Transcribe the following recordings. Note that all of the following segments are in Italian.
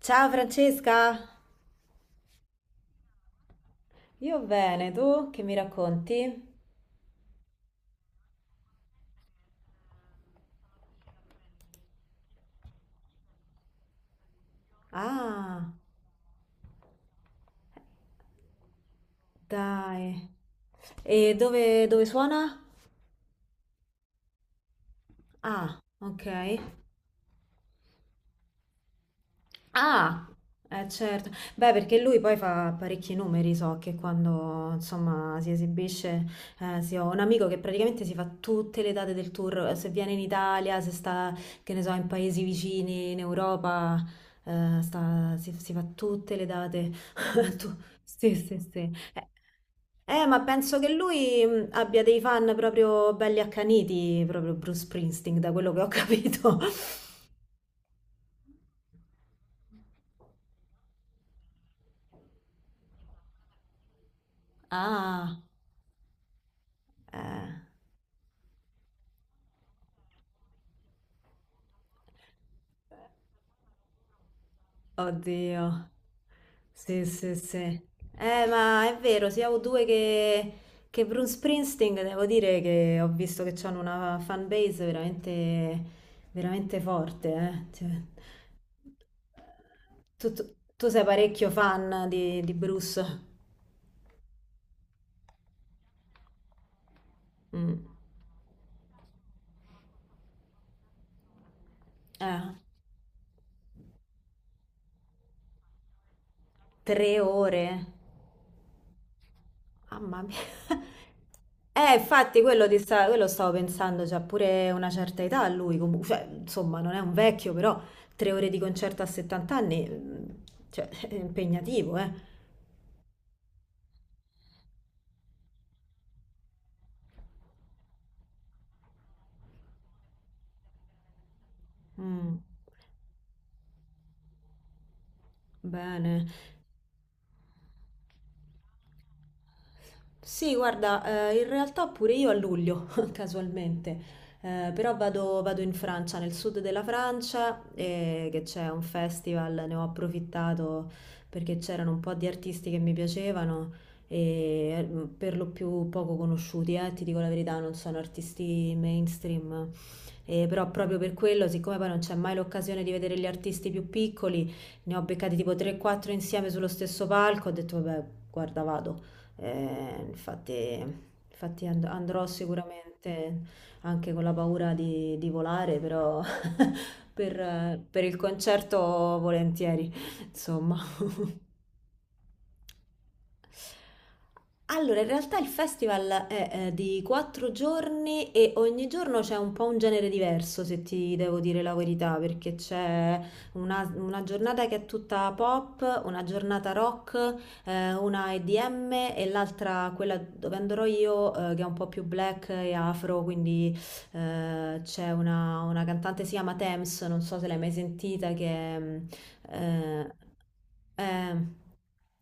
Ciao Francesca, io bene, tu che mi racconti? Ah, dai. E dove suona? Ah, ok. Ah, eh certo. Beh, perché lui poi fa parecchi numeri, so che quando insomma si esibisce, sì, ho un amico che praticamente si fa tutte le date del tour, se viene in Italia, se sta, che ne so, in paesi vicini, in Europa, si fa tutte le date. Tu- Sì, sì, sì. Ma penso che lui abbia dei fan proprio belli accaniti, proprio Bruce Springsteen, da quello che ho capito. Ah, eh. Oddio. Sì, sì, sì. Ma è vero, sia U2 che Bruce Springsteen, devo dire che ho visto che hanno una fanbase veramente, veramente forte, eh. Cioè, tu sei parecchio fan di Bruce. Mm. Eh, 3 ore. Mamma mia. Infatti quello stavo pensando, c'ha pure una certa età lui, cioè, insomma, non è un vecchio, però 3 ore di concerto a 70 anni, cioè, è impegnativo, eh. Mm, bene. Sì, guarda, in realtà pure io a luglio, casualmente, però vado in Francia, nel sud della Francia, che c'è un festival, ne ho approfittato perché c'erano un po' di artisti che mi piacevano, e per lo più poco conosciuti, ti dico la verità, non sono artisti mainstream, però proprio per quello, siccome poi non c'è mai l'occasione di vedere gli artisti più piccoli, ne ho beccati tipo 3-4 insieme sullo stesso palco, ho detto vabbè, guarda, vado. Infatti, andrò sicuramente anche con la paura di volare, però per il concerto volentieri, insomma. Allora, in realtà il festival è, di 4 giorni e ogni giorno c'è un po' un genere diverso, se ti devo dire la verità, perché c'è una giornata che è tutta pop, una giornata rock, una EDM e l'altra, quella dove andrò io, che è un po' più black e afro, quindi c'è una cantante, si chiama Thames, non so se l'hai mai sentita, che eh, eh,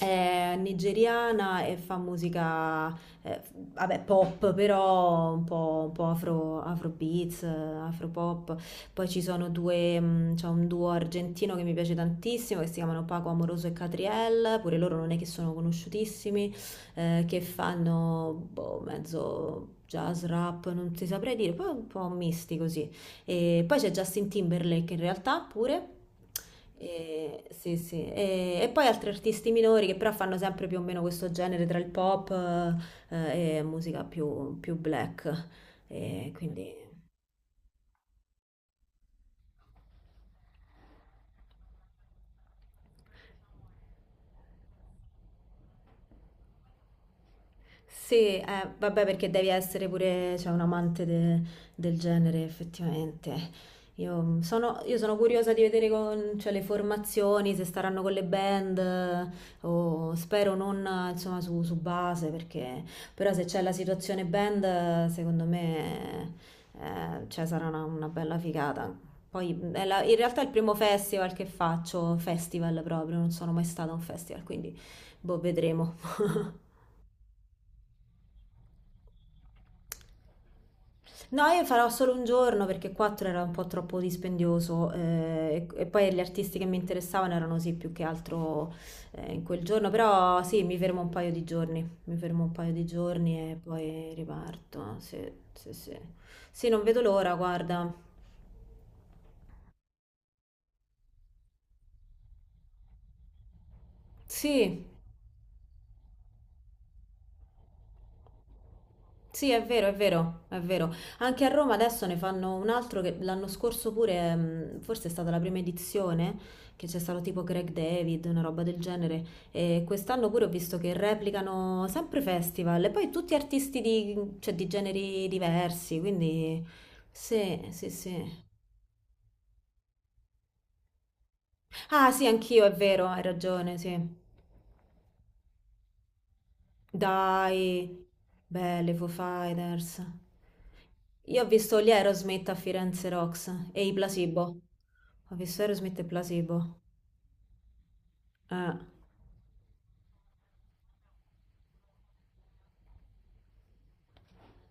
è nigeriana e fa musica, eh, vabbè, pop, però un po' afro, afrobeats, afropop. Poi ci sono c'è un duo argentino che mi piace tantissimo, che si chiamano Paco Amoroso e Catriel, pure loro non è che sono conosciutissimi, che fanno boh, mezzo jazz, rap, non ti saprei dire, poi un po' misti così. E poi c'è Justin Timberlake in realtà pure. E, sì, sì. E poi altri artisti minori che però fanno sempre più o meno questo genere tra il pop e musica più black. E quindi. Sì, vabbè, perché devi essere pure, cioè, un amante del genere, effettivamente. Io sono curiosa di vedere cioè, le formazioni, se staranno con le band, o spero non, insomma, su base, perché però se c'è la situazione band, secondo me, cioè, sarà una bella figata. Poi, in realtà è il primo festival che faccio, festival proprio, non sono mai stata a un festival, quindi, boh, vedremo. No, io farò solo un giorno perché quattro era un po' troppo dispendioso e poi gli artisti che mi interessavano erano sì più che altro in quel giorno, però sì, mi fermo un paio di giorni, mi fermo un paio di giorni e poi riparto. Sì, sì, sì. Sì, non vedo l'ora, guarda. Sì, sì, è vero, è vero, è vero. Anche a Roma adesso ne fanno un altro che l'anno scorso pure, forse è stata la prima edizione, che c'è stato tipo Greg David, una roba del genere. E quest'anno pure ho visto che replicano sempre festival e poi tutti artisti di, cioè, di generi diversi, quindi sì, sì, sì. Ah, sì, anch'io, è vero, hai ragione, sì. Dai, belle Foo Fighters. Io ho visto gli Aerosmith a Firenze Rocks e i Placebo. Ho visto Aerosmith e Placebo. Eh.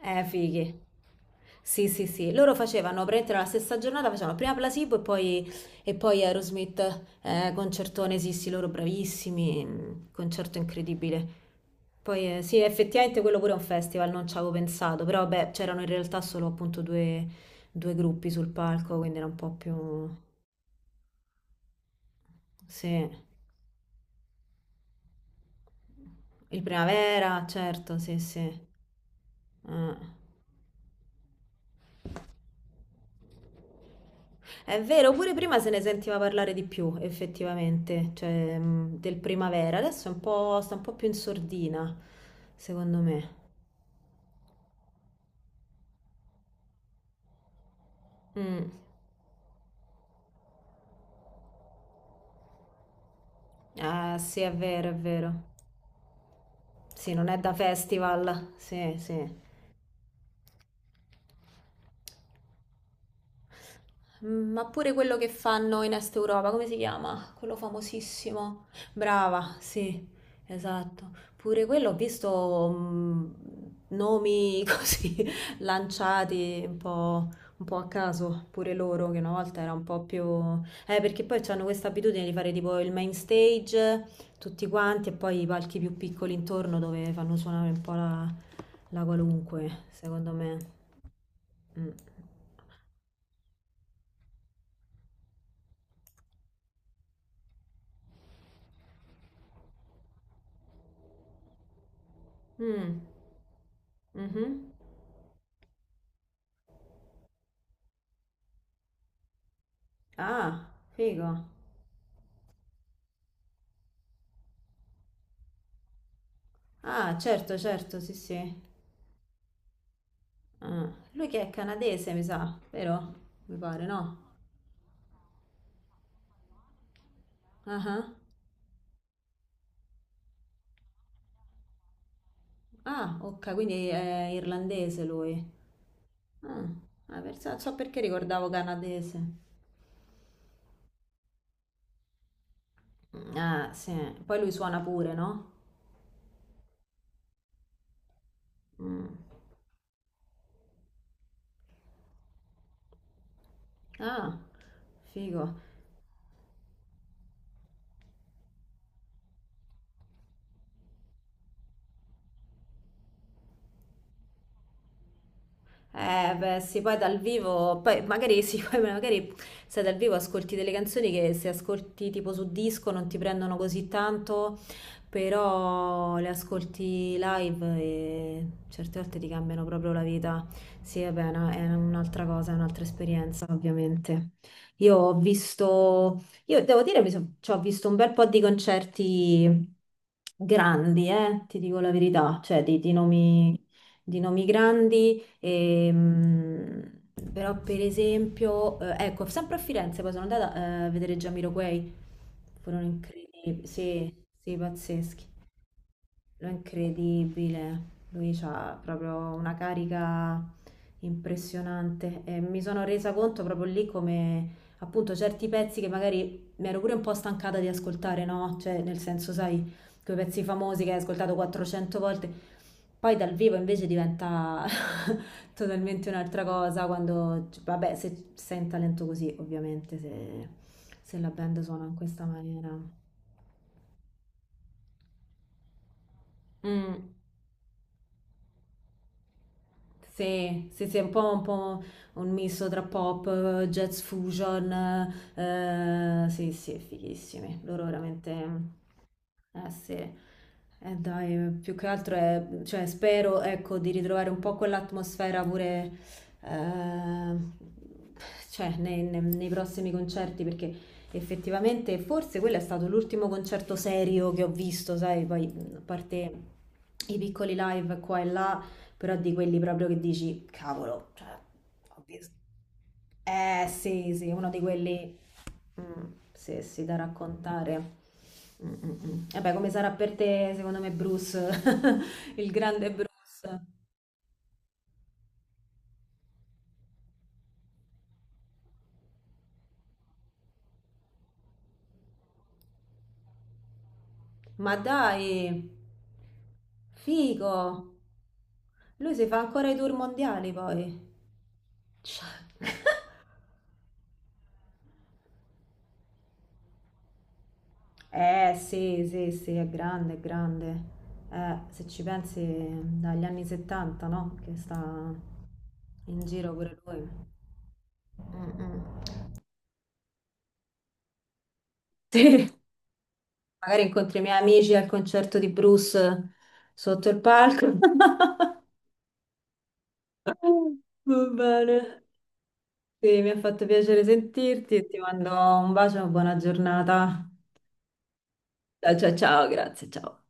Fighi. Sì, sì, sì. Loro facevano, praticamente nella stessa giornata, facevano prima Placebo e poi, Aerosmith, concertone, sì, sì, loro bravissimi, concerto incredibile. Poi, sì, effettivamente quello pure è un festival, non ci avevo pensato, però beh, c'erano in realtà solo appunto due gruppi sul palco, quindi era un po' più... Sì, il Primavera, certo, sì, sì. Eh. È vero, pure prima se ne sentiva parlare di più, effettivamente, cioè del primavera. Adesso è un po', sta un po' più in sordina, secondo me. Mm. Ah, sì, è vero, è vero. Sì, non è da festival. Sì, sì. Mm, ma pure quello che fanno in Est Europa, come si chiama? Quello famosissimo. Brava, sì, esatto. Pure quello ho visto nomi così lanciati un po' a caso, pure loro, che una volta era un po' più... perché poi hanno questa abitudine di fare tipo il main stage, tutti quanti, e poi i palchi più piccoli intorno dove fanno suonare un po' la qualunque, secondo me. Mm. Mh. Mh-mh. Ah, figo. Ah, certo, certo, sì, sì. Ah. Lui che è canadese, mi sa, vero? Mi pare, no? Ah-ah. Ah, ah, ok, quindi è irlandese lui. Ah, ah, non so perché ricordavo canadese. Mm, ah, sì. Poi lui suona pure, no? Mm. Ah, figo. Beh, sì, poi dal vivo, poi magari sì, poi magari se dal vivo ascolti delle canzoni che se ascolti tipo su disco non ti prendono così tanto, però le ascolti live e certe volte ti cambiano proprio la vita. Sì, vabbè, è un'altra cosa, è un'altra esperienza, ovviamente. Io ho visto, io devo dire, cioè, ho visto un bel po' di concerti grandi, ti dico la verità, cioè di nomi grandi. Ehm, però per esempio, ecco, sempre a Firenze, poi sono andata a vedere Jamiroquai, furono incredibili, sì, sì, pazzeschi. È incredibile, lui c'ha proprio una carica impressionante e mi sono resa conto proprio lì come appunto certi pezzi che magari mi ero pure un po' stancata di ascoltare, no? Cioè nel senso, sai, quei pezzi famosi che hai ascoltato 400 volte, poi dal vivo invece diventa totalmente un'altra cosa quando, vabbè, se sei in talento così, ovviamente, se la band suona in questa maniera. Mm. Sì, sì, sì, è un po' un misto tra pop, jazz fusion, sì, sì, fighissimi, loro veramente... Eh sì, dai, più che altro è, cioè, spero ecco, di ritrovare un po' quell'atmosfera pure eh, cioè, nei prossimi concerti perché effettivamente forse quello è stato l'ultimo concerto serio che ho visto, sai, poi a parte i piccoli live qua e là, però di quelli proprio che dici, cavolo, cioè, ho visto. Eh sì, sì, uno di quelli, mm, sì, sì, da raccontare. Mm, mm, mm. Vabbè, come sarà per te, secondo me, Bruce, il grande Bruce. Ma dai, figo, lui si fa ancora i tour mondiali poi. Cioè. Eh sì, sì, sì, è grande, è grande. Se ci pensi, dagli anni 70, no? Che sta in giro pure lui. Mm, mm. Sì, magari incontri i miei amici al concerto di Bruce sotto il palco. Va bene. Sì, mi ha fatto piacere sentirti e ti mando un bacio e una buona giornata. Ciao, ciao, ciao, grazie, ciao.